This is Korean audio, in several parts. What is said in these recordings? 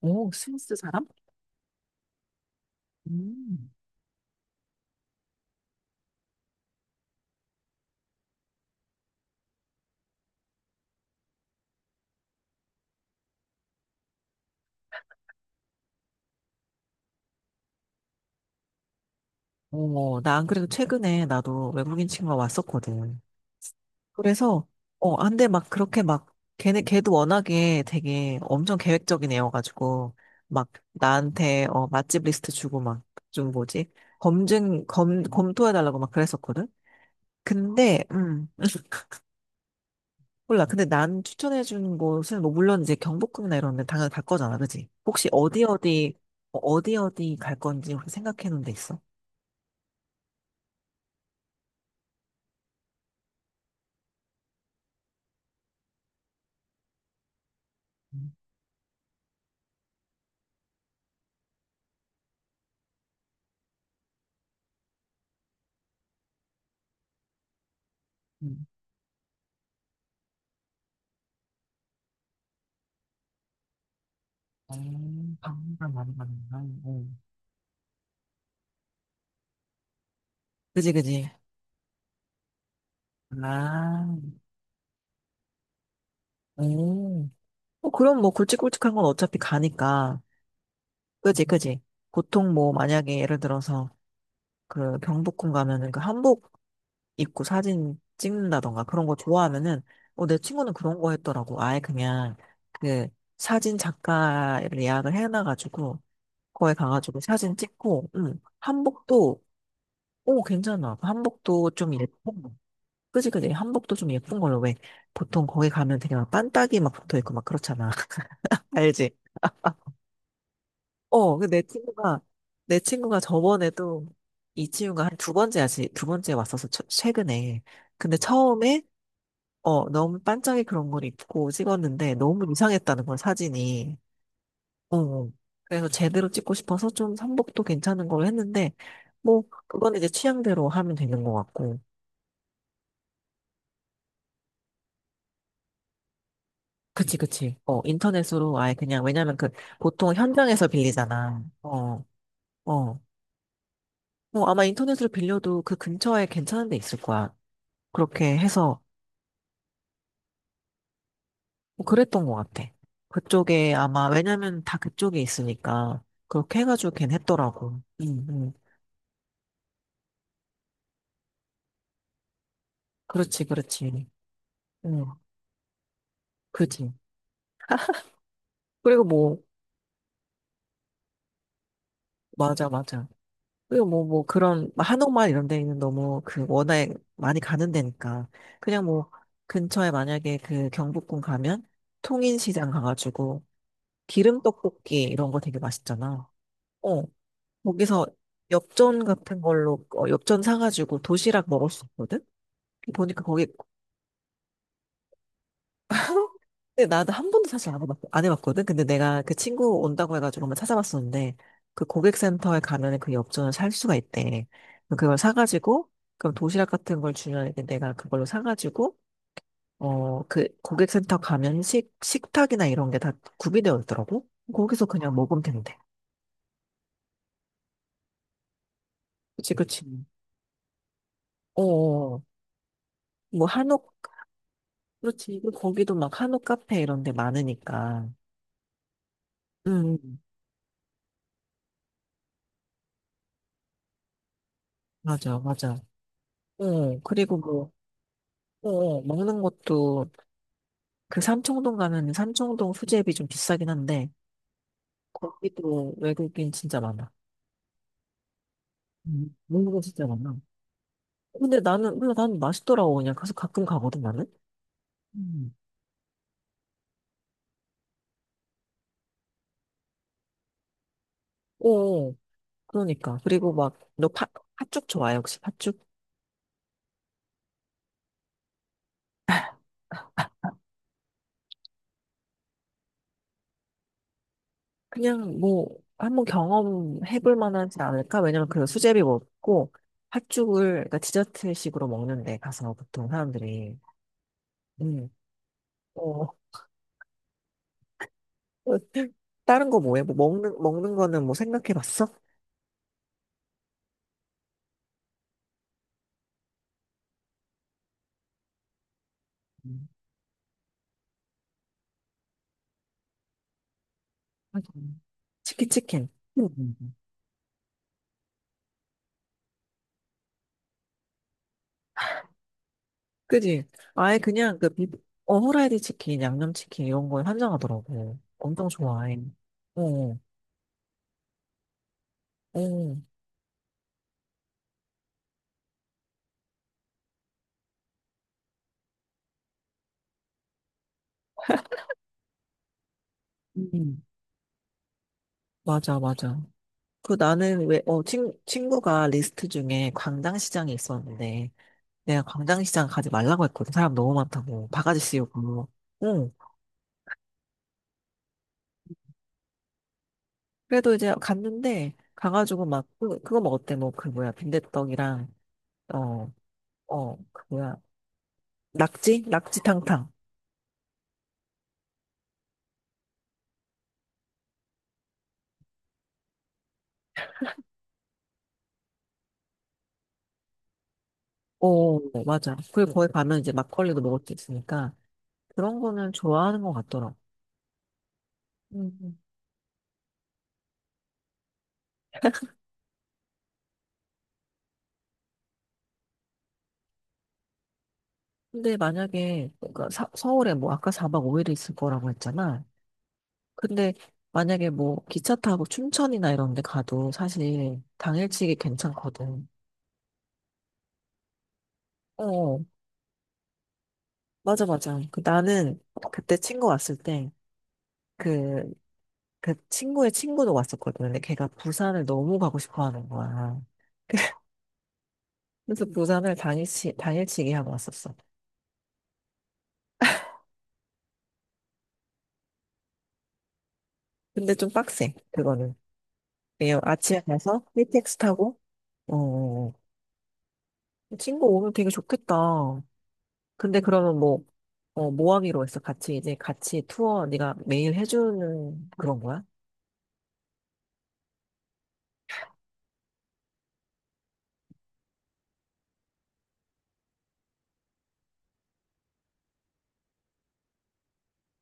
오, 스위스 사람? 음. 나 안 그래도 최근에 나도 외국인 친구가 왔었거든. 그래서, 어, 안 돼, 막 그렇게 막, 걔네, 걔도 워낙에 되게 엄청 계획적인 애여가지고, 막 나한테, 맛집 리스트 주고 막, 좀 뭐지? 검토해달라고 막 그랬었거든? 근데, 음, 몰라. 근데 난 추천해준 곳은, 뭐, 물론 이제 경복궁이나 이런 데 당연히 갈 거잖아, 그지? 혹시 어디 어디, 어디 어디 갈 건지 혹시 생각해 놓은 데 있어? 음. 방문가 많이 받는다. 음. 그지, 그지. 아, 음, 어, 그럼 뭐 굵직굵직한 건 어차피 가니까. 그지, 그지. 보통 뭐 만약에 예를 들어서 그 경복궁 가면은 그 한복 입고 사진 찍는다던가 그런 거 좋아하면은 어, 내 친구는 그런 거 했더라고. 아예 그냥 그 사진 작가를 예약을 해놔가지고 거기 가가지고 사진 찍고, 한복도, 오, 괜찮아. 한복도 좀 예뻐. 그지, 그지. 한복도 좀 예쁜 걸로 왜 보통 거기 가면 그냥 빤딱이 막 붙어 있고 막 그렇잖아. 알지? 어, 그 내 친구가 저번에도 이 친구가 한 두 번째야지 두 번째 왔어서 처- 최근에. 근데 처음에 어 너무 반짝이 그런 걸 입고 찍었는데 너무 이상했다는 걸 사진이. 어. 어. 그래서 제대로 찍고 싶어서 좀 한복도 괜찮은 걸 했는데 뭐 그건 이제 취향대로 하면 되는 것 같고. 그치, 그치. 어, 인터넷으로 아예 그냥, 왜냐면 그, 보통 현장에서 빌리잖아. 어, 어. 뭐 아마 인터넷으로 빌려도 그 근처에 괜찮은 데 있을 거야. 그렇게 해서, 뭐 그랬던 것 같아. 그쪽에 아마, 왜냐면 다 그쪽에 있으니까, 그렇게 해가지고 걘 했더라고. 응, 응. 그렇지, 그렇지. 응, 그치. 그리고 뭐, 맞아, 맞아. 그리고 뭐, 뭐, 그런, 뭐 한옥마을 이런 데는 너무 그 워낙 많이 가는 데니까. 그냥 뭐, 근처에 만약에 그 경복궁 가면 통인시장 가가지고 기름떡볶이 이런 거 되게 맛있잖아. 어, 거기서 엽전 같은 걸로, 어, 엽전 사가지고 도시락 먹을 수 있거든? 보니까 거기 근데 나도 한 번도 사실 안 해봤거든. 근데 내가 그 친구 온다고 해가지고 한번 찾아봤었는데 그 고객센터에 가면은 그 엽전을 살 수가 있대. 그럼 그걸 사가지고 그럼 도시락 같은 걸 주면 이제 내가 그걸로 사가지고 어 그 고객센터 가면 식 식탁이나 이런 게 다 구비되어 있더라고. 거기서 그냥 먹으면 된대. 그치 그치. 어, 어. 뭐 한옥 그렇지. 그리고 거기도 막 한옥 카페 이런 데 많으니까. 음 맞아 맞아. 어 그리고 뭐 어, 어, 먹는 것도 그 삼청동 가면 삼청동 수제비 좀 비싸긴 한데 거기도 외국인 진짜 많아. 외국인 진짜 많아. 근데 나는 몰라 나는 맛있더라고 그냥 그래서 가끔 가거든 나는. 음. 오, 그러니까 그리고 막너 팥죽 좋아해 혹시 팥죽? 그냥 뭐 한번 경험해볼 만하지 않을까? 왜냐면 그 수제비 먹고 팥죽을 그러니까 디저트식으로 먹는데 가서 보통 사람들이 음, 어, 다른 거 뭐해? 뭐 먹는 거는 뭐 생각해봤어? 맞아. 치킨 치킨. 음. 그지? 아예 그냥 그 비, 어, 후라이드 치킨, 양념 치킨 이런 거에 환장하더라고. 엄청 좋아해. 어, 어, 음. 맞아, 맞아. 그 나는 왜, 친구가 리스트 중에 광장시장이 있었는데, 내가 광장시장 가지 말라고 했거든. 사람 너무 많다고. 바가지 씌우고. 응. 그래도 이제 갔는데, 가가지고 막, 그, 그거 먹었대. 뭐, 그 뭐야. 빈대떡이랑, 어, 어, 그 뭐야. 낙지? 낙지탕탕. 오, 맞아. 그리고 거기 가면 이제 막걸리도 먹을 수 있으니까 그런 거는 좋아하는 것 같더라고. 음, 근데 만약에 그러니까 사- 서울에 뭐 아까 4박 5일 이 있을 거라고 했잖아. 근데 만약에 뭐 기차 타고 춘천이나 이런 데 가도 사실 당일치기 괜찮거든. 어, 맞아, 맞아. 그 나는 그때 친구 왔을 때 그, 그 친구의 친구도 왔었거든. 근데 걔가 부산을 너무 가고 싶어 하는 거야. 그래서 부산을 당일치기 하고 왔었어. 근데 좀 빡세, 그거는. 네요. 아침에 가서 KTX 타고, 어, 어, 어. 친구 오면 되게 좋겠다. 근데 그러면 뭐, 어, 뭐 하기로 했어? 같이 이제 같이 투어 네가 매일 해주는 그런 거야?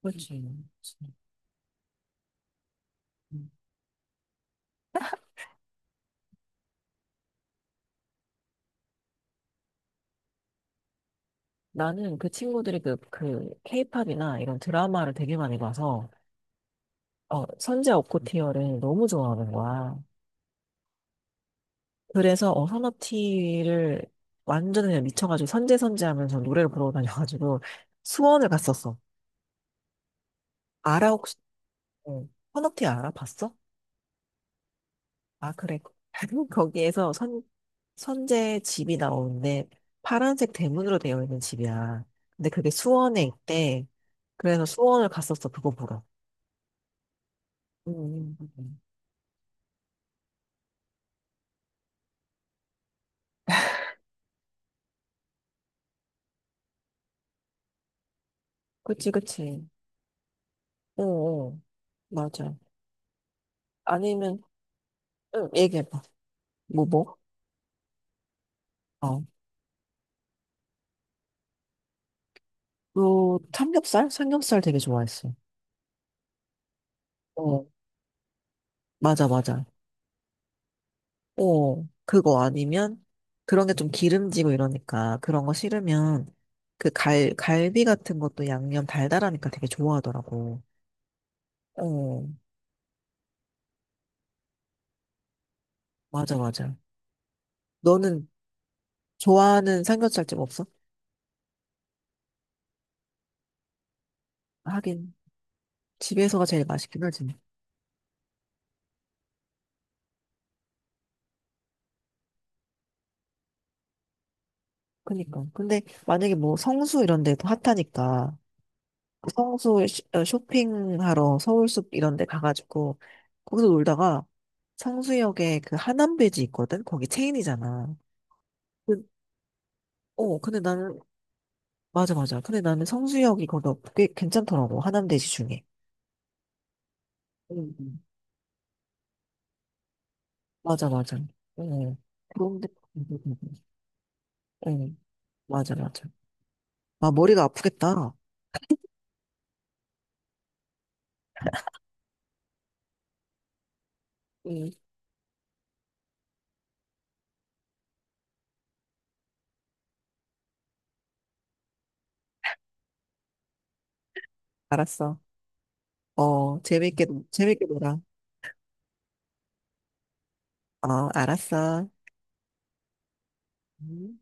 그렇지. 그렇지. 음. 나는 그 친구들이 그, 그, 케이팝이나 이런 드라마를 되게 많이 봐서, 어, 선제 오코티어를 너무 좋아하는 거야. 그래서, 어, 선업티를 완전 그냥 미쳐가지고 선제 선제 하면서 노래를 부르고 다녀가지고 수원을 갔었어. 아라옥 어, 헌옥티 알아봤어? 아, 그래. 거기에서 선, 선제 집이 나오는데 파란색 대문으로 되어 있는 집이야. 근데 그게 수원에 있대. 그래서 수원을 갔었어, 그거 보러. 음, 음, 음. 그치, 그치. 어, 어, 맞아. 아니면, 응, 얘기해봐. 뭐, 뭐? 어, 그, 삼겹살? 삼겹살 되게 좋아했어. 어, 맞아, 맞아. 어, 그거 아니면 그런 게 좀 기름지고 이러니까 그런 거 싫으면 갈비 같은 것도 양념 달달하니까 되게 좋아하더라고. 어, 맞아, 맞아. 너는 좋아하는 삼겹살집 없어? 하긴, 집에서가 제일 맛있긴 하지. 뭐. 그니까. 근데 만약에 뭐 성수 이런 데도 핫하니까 그 성수 쇼핑하러 서울숲 이런 데 가가지고 거기서 놀다가 성수역에 그 하남베지 있거든? 거기 체인이잖아. 그- 어, 근데 나는 맞아, 맞아. 근데 나는 성수역이 꽤 괜찮더라고. 하남대지 중에. 응, 응. 맞아, 맞아. 응. 그런데, 응, 맞아, 맞아. 아, 머리가 아프겠다. 응, 알았어. 어, 재밌게, 재밌게 놀아. 어, 알았어. 음.